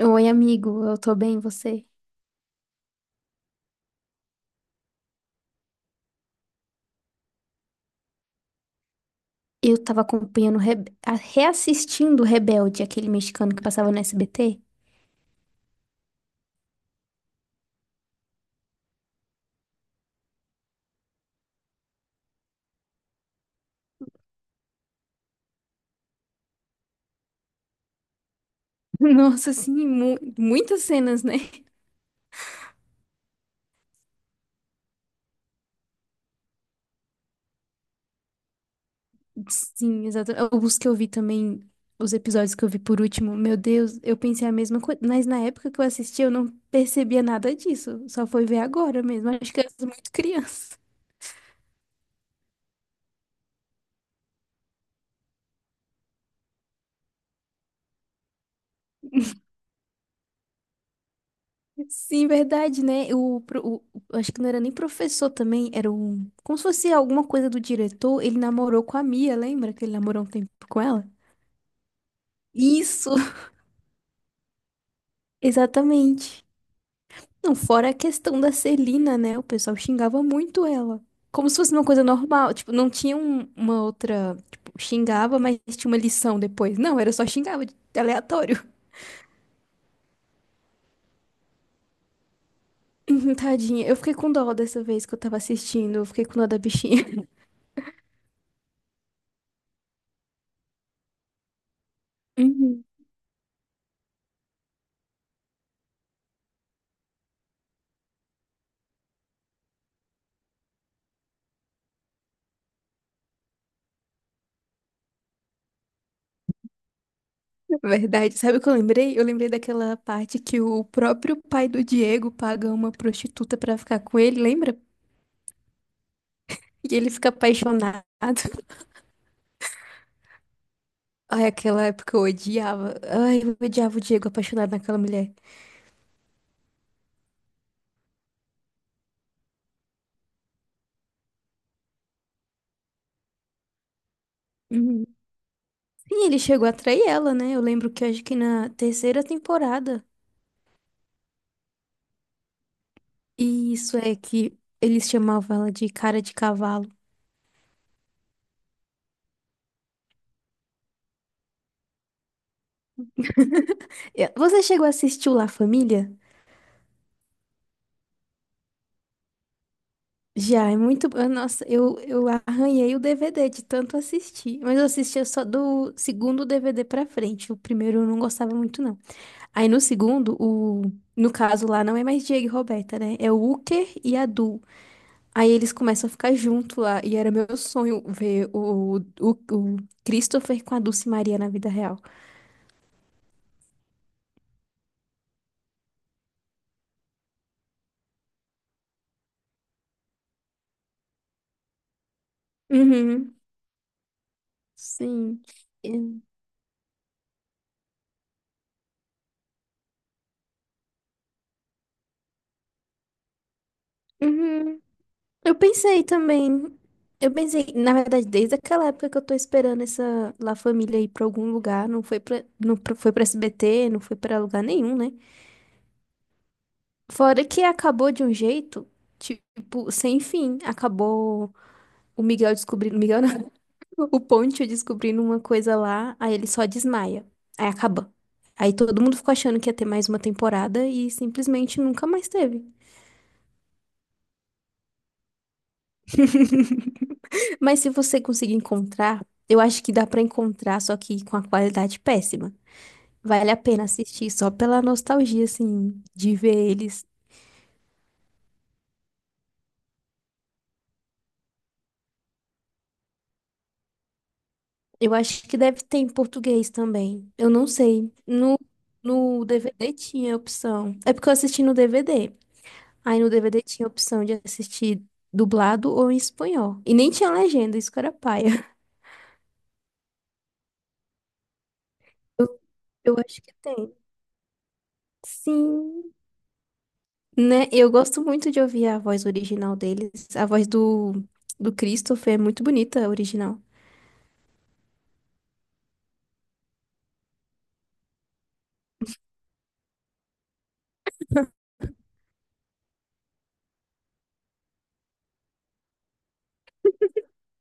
Oi, amigo, eu tô bem, e você? Eu tava acompanhando, reassistindo o Rebelde, aquele mexicano que passava no SBT. Nossa, sim, muitas cenas, né? Sim, exato. Os que eu vi também, os episódios que eu vi por último, meu Deus, eu pensei a mesma coisa, mas na época que eu assisti eu não percebia nada disso, só foi ver agora mesmo, acho que eu era muito criança. Sim, verdade, né? O, pro- o- Acho que não era nem professor também, era um. Como se fosse alguma coisa do diretor. Ele namorou com a Mia, lembra que ele namorou um tempo com ela? Isso! Exatamente. Não, fora a questão da Celina, né? O pessoal xingava muito ela. Como se fosse uma coisa normal. Tipo, não tinha uma outra. Tipo, xingava, mas tinha uma lição depois. Não, era só xingava, aleatório. Tadinha. Eu fiquei com dó dessa vez que eu tava assistindo. Eu fiquei com dó da bichinha. Verdade. Sabe o que eu lembrei? Eu lembrei daquela parte que o próprio pai do Diego paga uma prostituta pra ficar com ele, lembra? E ele fica apaixonado. Ai, aquela época eu odiava. Ai, eu odiava o Diego apaixonado naquela mulher. Uhum. Sim, ele chegou a trair ela, né? Eu lembro que acho que na terceira temporada. E isso é que eles chamavam ela de cara de cavalo. Você chegou a assistir o La Família? Já, é muito bom. Nossa, eu arranhei o DVD de tanto assistir. Mas eu assistia só do segundo DVD pra frente. O primeiro eu não gostava muito, não. Aí no segundo, no caso lá, não é mais Diego e Roberta, né? É o Uker e a Du. Aí eles começam a ficar junto lá. E era meu sonho ver o Christopher com a Dulce Maria na vida real. Uhum, sim. É. Uhum. Eu pensei também. Eu pensei, na verdade, desde aquela época que eu tô esperando essa La Família ir pra algum lugar, foi pra SBT, não foi pra lugar nenhum, né? Fora que acabou de um jeito, tipo, sem fim. Acabou o Miguel descobrindo, Miguel não, o Ponte descobrindo uma coisa lá, aí ele só desmaia. Aí acaba. Aí todo mundo ficou achando que ia ter mais uma temporada e simplesmente nunca mais teve. Mas se você conseguir encontrar, eu acho que dá pra encontrar, só que com a qualidade péssima. Vale a pena assistir só pela nostalgia, assim, de ver eles. Eu acho que deve ter em português também. Eu não sei. No, no DVD tinha opção. É porque eu assisti no DVD. Aí no DVD tinha opção de assistir dublado ou em espanhol. E nem tinha legenda, isso que era paia. Eu, eu acho que tem. Sim. Né? Eu gosto muito de ouvir a voz original deles. A voz do Christopher é muito bonita, a original.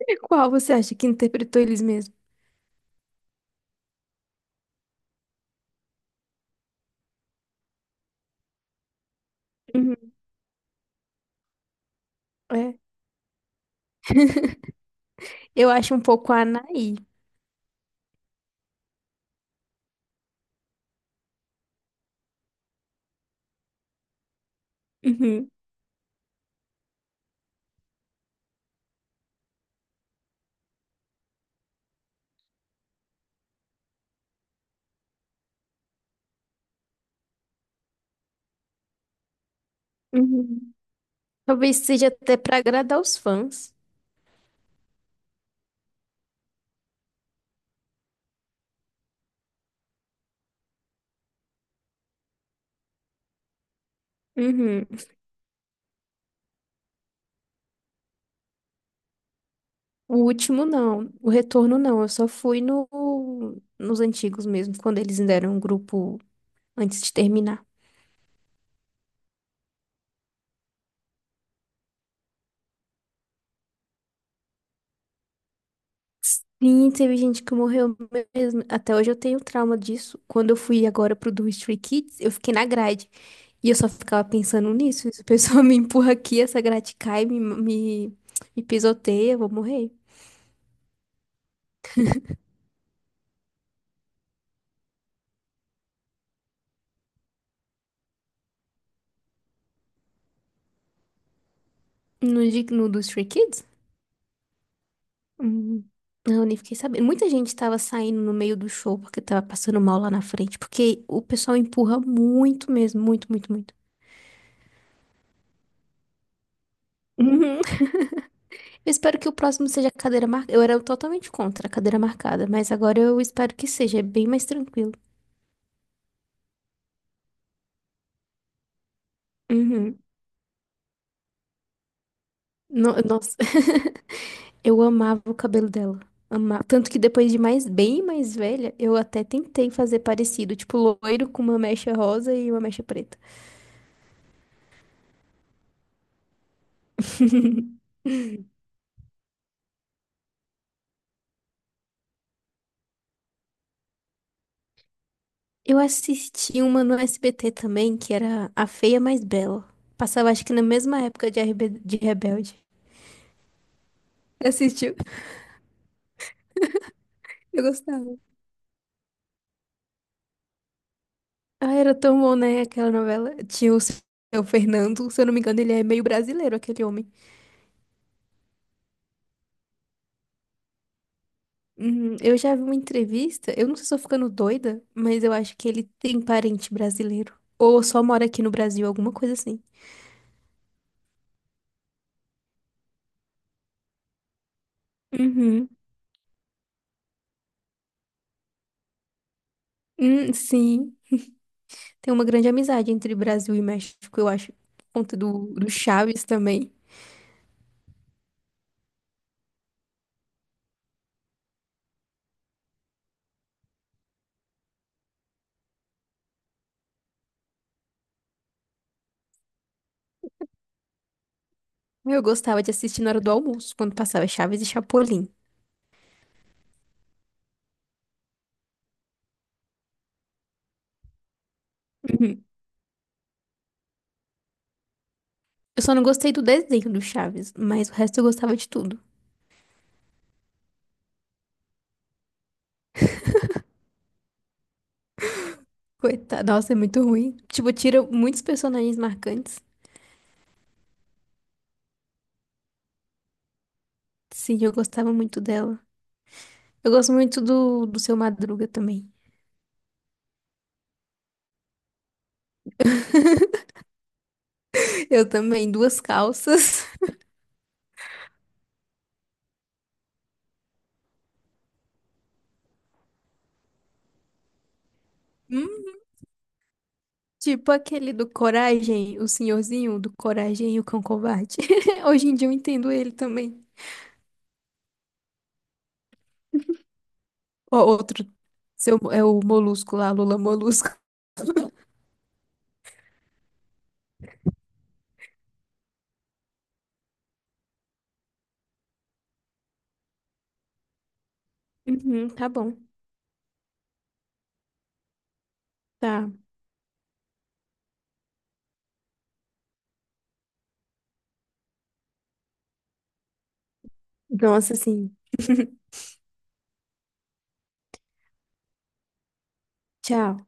E qual você acha que interpretou eles mesmos? Uhum, é. Eu acho um pouco a Anaí. Uhum, uhum. Talvez seja até pra agradar os fãs. Uhum. O último não, o retorno não. Eu só fui no, nos antigos mesmo, quando eles ainda eram um grupo antes de terminar. Sim, teve gente que morreu mesmo. Até hoje eu tenho trauma disso. Quando eu fui agora pro do Stray Kids, eu fiquei na grade. E eu só ficava pensando nisso. Se a pessoa me empurra aqui, essa grade cai, me pisoteia, eu vou morrer. No do Stray Kids? Hum, não, nem fiquei sabendo. Muita gente tava saindo no meio do show porque tava passando mal lá na frente. Porque o pessoal empurra muito mesmo, muito, muito, muito. Eu espero que o próximo seja a cadeira marcada. Eu era totalmente contra a cadeira marcada, mas agora eu espero que seja, é bem mais tranquilo. Uhum. Nossa, eu amava o cabelo dela. Amava. Tanto que depois de mais, bem mais velha, eu até tentei fazer parecido, tipo loiro com uma mecha rosa e uma mecha preta. Eu assisti uma no SBT também, que era A Feia Mais Bela. Passava, acho que na mesma época de Rebelde. Você assistiu? Eu gostava. Ah, era tão bom, né? Aquela novela. Tinha o seu Fernando, se eu não me engano, ele é meio brasileiro, aquele homem. Eu já vi uma entrevista, eu não sei se eu tô ficando doida, mas eu acho que ele tem parente brasileiro. Ou só mora aqui no Brasil, alguma coisa assim. Uhum. Sim. Tem uma grande amizade entre Brasil e México, eu acho. Por conta do Chaves também. Eu gostava de assistir na hora do almoço, quando passava Chaves e Chapolin. Uhum. Eu só não gostei do desenho do Chaves, mas o resto eu gostava de tudo. Coitada, nossa, é muito ruim. Tipo, tira muitos personagens marcantes. Sim, eu gostava muito dela. Eu gosto muito do Seu Madruga também. Eu também, duas calças. Hum, tipo aquele do Coragem, o senhorzinho do Coragem e o Cão Covarde. Hoje em dia eu entendo ele também. Ó, outro, seu, é o Molusco lá, Lula Molusco. Uhum, tá bom. Tá. Nossa, sim. Tchau.